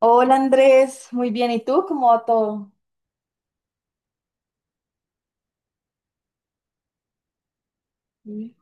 Hola Andrés, muy bien. ¿Y tú? ¿Cómo va todo? Mm.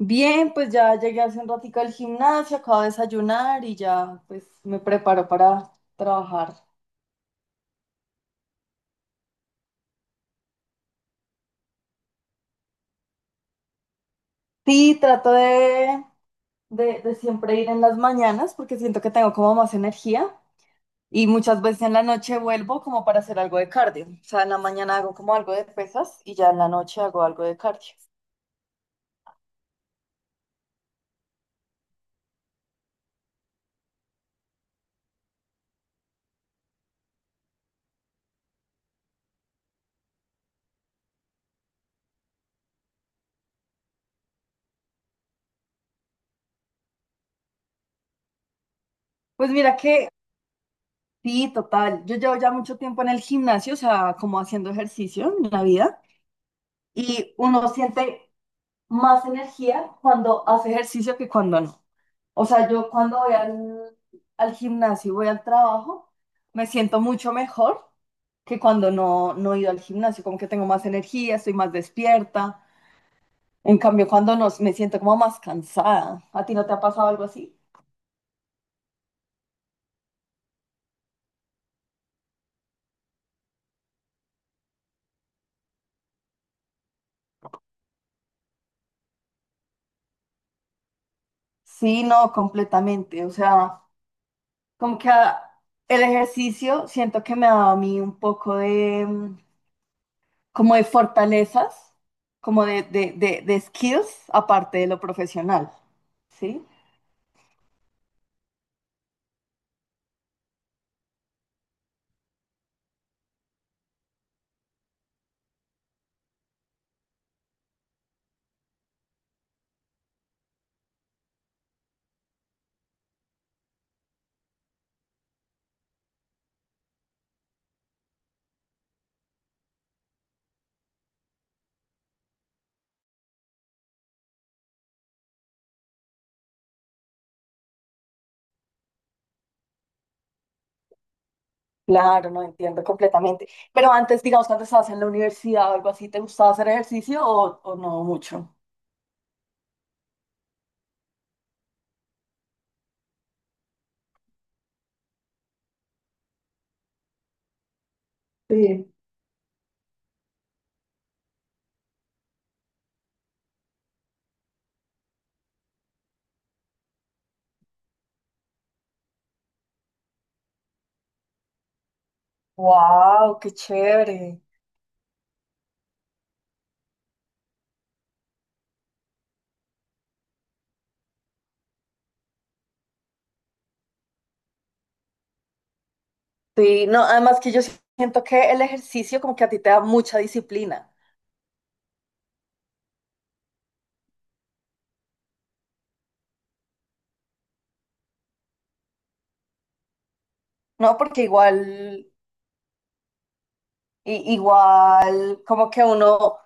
Bien, pues ya llegué hace un ratico al gimnasio, acabo de desayunar y ya pues me preparo para trabajar. Sí, trato de siempre ir en las mañanas porque siento que tengo como más energía y muchas veces en la noche vuelvo como para hacer algo de cardio. O sea, en la mañana hago como algo de pesas y ya en la noche hago algo de cardio. Pues mira que sí, total. Yo llevo ya mucho tiempo en el gimnasio, o sea, como haciendo ejercicio en la vida. Y uno siente más energía cuando hace ejercicio que cuando no. O sea, yo cuando voy al gimnasio y voy al trabajo, me siento mucho mejor que cuando no he ido al gimnasio, como que tengo más energía, estoy más despierta. En cambio, cuando no, me siento como más cansada. ¿A ti no te ha pasado algo así? Sí, no, completamente. O sea, como que el ejercicio siento que me da a mí un poco de, como de fortalezas, como de skills, aparte de lo profesional, ¿sí? Claro, no entiendo completamente. Pero antes, digamos, cuando estabas en la universidad o algo así, ¿te gustaba hacer ejercicio o no mucho? Sí. Wow, qué chévere. Sí, no, además que yo siento que el ejercicio como que a ti te da mucha disciplina, ¿no? Porque igual, igual como que uno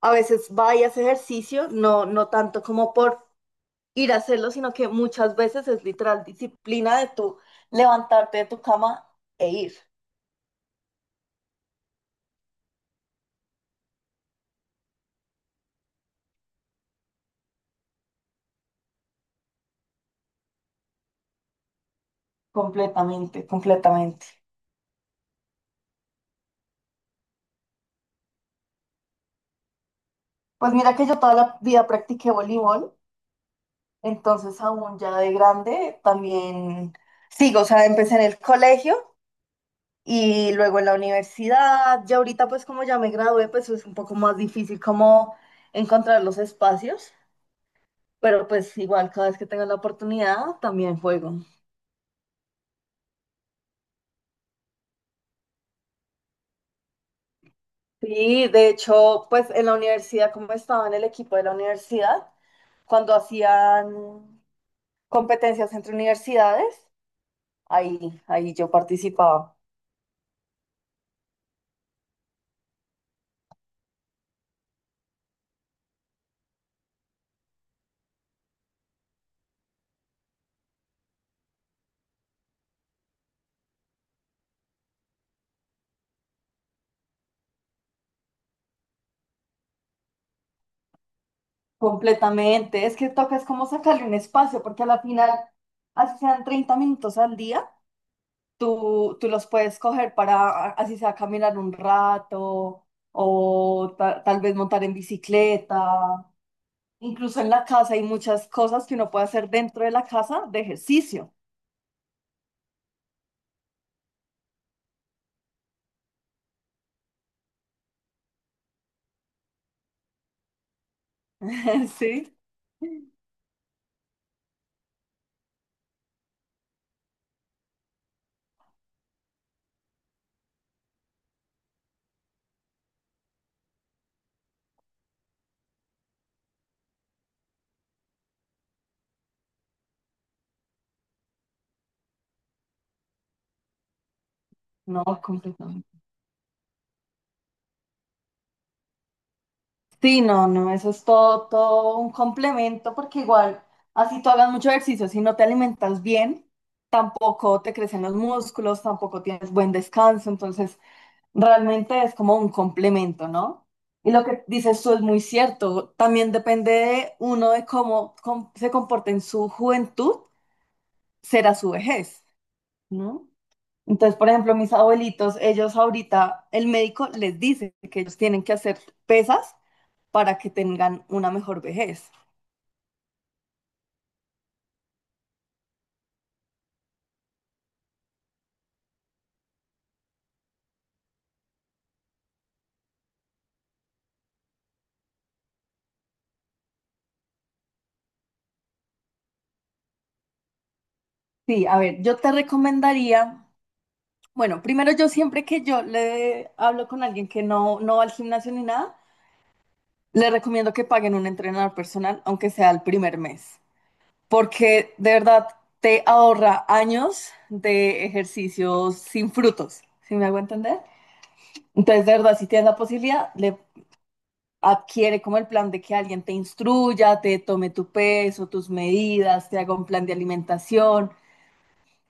a veces va y hace ejercicio, no, no tanto como por ir a hacerlo, sino que muchas veces es literal disciplina de tu levantarte de tu cama e ir. Completamente, completamente. Pues mira que yo toda la vida practiqué voleibol, entonces aún ya de grande también sigo, o sea, empecé en el colegio y luego en la universidad, ya ahorita pues como ya me gradué, pues es un poco más difícil como encontrar los espacios, pero pues igual cada vez que tengo la oportunidad también juego. Sí, de hecho, pues en la universidad, como estaba en el equipo de la universidad, cuando hacían competencias entre universidades, ahí, ahí yo participaba completamente. Es que toca es como sacarle un espacio, porque a la final, así sean 30 minutos al día, tú los puedes coger para, así sea, caminar un rato o tal vez montar en bicicleta. Incluso en la casa hay muchas cosas que uno puede hacer dentro de la casa de ejercicio. Sí, no, completamente. Sí, no, eso es todo, todo un complemento porque igual, así tú hagas mucho ejercicio, si no te alimentas bien, tampoco te crecen los músculos, tampoco tienes buen descanso, entonces realmente es como un complemento, ¿no? Y lo que dices tú es muy cierto, también depende de uno de cómo se comporta en su juventud, será su vejez, ¿no? Entonces, por ejemplo, mis abuelitos, ellos ahorita, el médico les dice que ellos tienen que hacer pesas para que tengan una mejor vejez. Sí, a ver, yo te recomendaría, bueno, primero yo siempre que yo le hablo con alguien que no va al gimnasio ni nada, le recomiendo que paguen un entrenador personal, aunque sea el primer mes, porque de verdad te ahorra años de ejercicios sin frutos, ¿sí me hago entender? Entonces, de verdad, si tienes la posibilidad, le adquiere como el plan de que alguien te instruya, te tome tu peso, tus medidas, te haga un plan de alimentación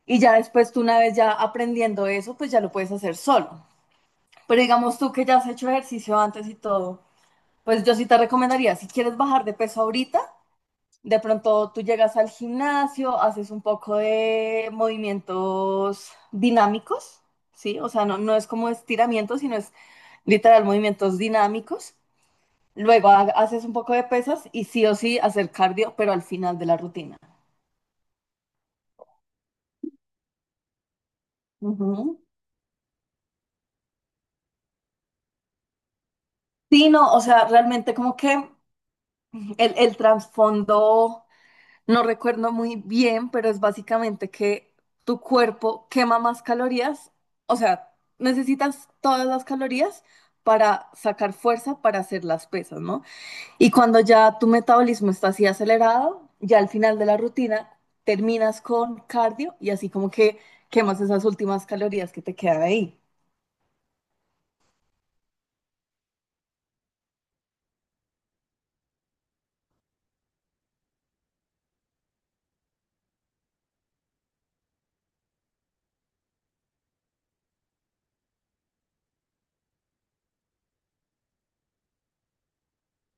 y ya después tú una vez ya aprendiendo eso, pues ya lo puedes hacer solo. Pero digamos tú que ya has hecho ejercicio antes y todo, pues yo sí te recomendaría, si quieres bajar de peso ahorita, de pronto tú llegas al gimnasio, haces un poco de movimientos dinámicos, ¿sí? O sea, no, no es como estiramiento, sino es literal movimientos dinámicos. Luego haces un poco de pesas y sí o sí hacer cardio, pero al final de la rutina. Ujú. Sí, no, o sea, realmente como que el trasfondo no recuerdo muy bien, pero es básicamente que tu cuerpo quema más calorías, o sea, necesitas todas las calorías para sacar fuerza para hacer las pesas, ¿no? Y cuando ya tu metabolismo está así acelerado, ya al final de la rutina terminas con cardio y así como que quemas esas últimas calorías que te quedan ahí.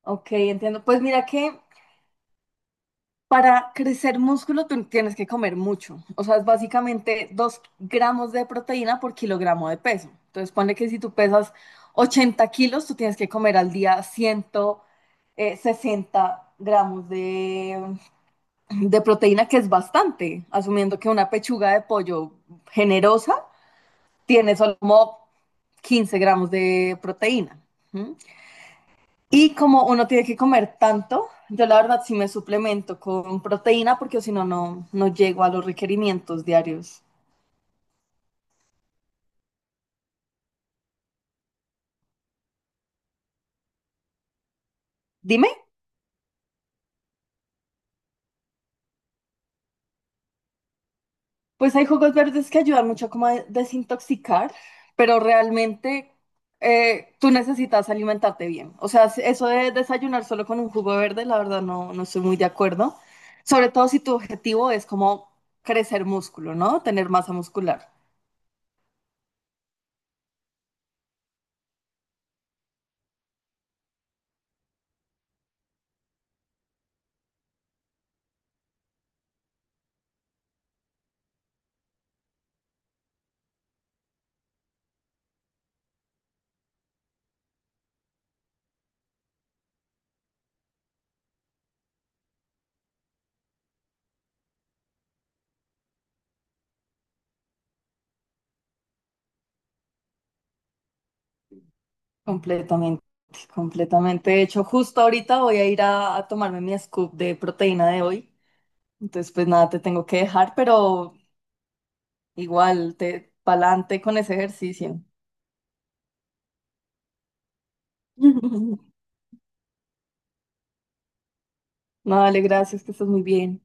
Ok, entiendo. Pues mira que para crecer músculo tú tienes que comer mucho. O sea, es básicamente 2 gramos de proteína por kilogramo de peso. Entonces, ponle que si tú pesas 80 kilos, tú tienes que comer al día ciento sesenta gramos de proteína que es bastante, asumiendo que una pechuga de pollo generosa tiene solo como 15 gramos de proteína. ¿Mm? Y como uno tiene que comer tanto, yo la verdad sí me suplemento con proteína porque si no, no llego a los requerimientos diarios. Dime. Pues hay jugos verdes que ayudan mucho como a desintoxicar, pero realmente tú necesitas alimentarte bien. O sea, si- eso de desayunar solo con un jugo verde, la verdad no estoy muy de acuerdo. Sobre todo si tu objetivo es como crecer músculo, ¿no? Tener masa muscular. Completamente, completamente. De hecho, justo ahorita voy a ir a tomarme mi scoop de proteína de hoy. Entonces, pues nada, te tengo que dejar, pero igual, te pa'lante con ese ejercicio. No, dale, gracias, que estás muy bien.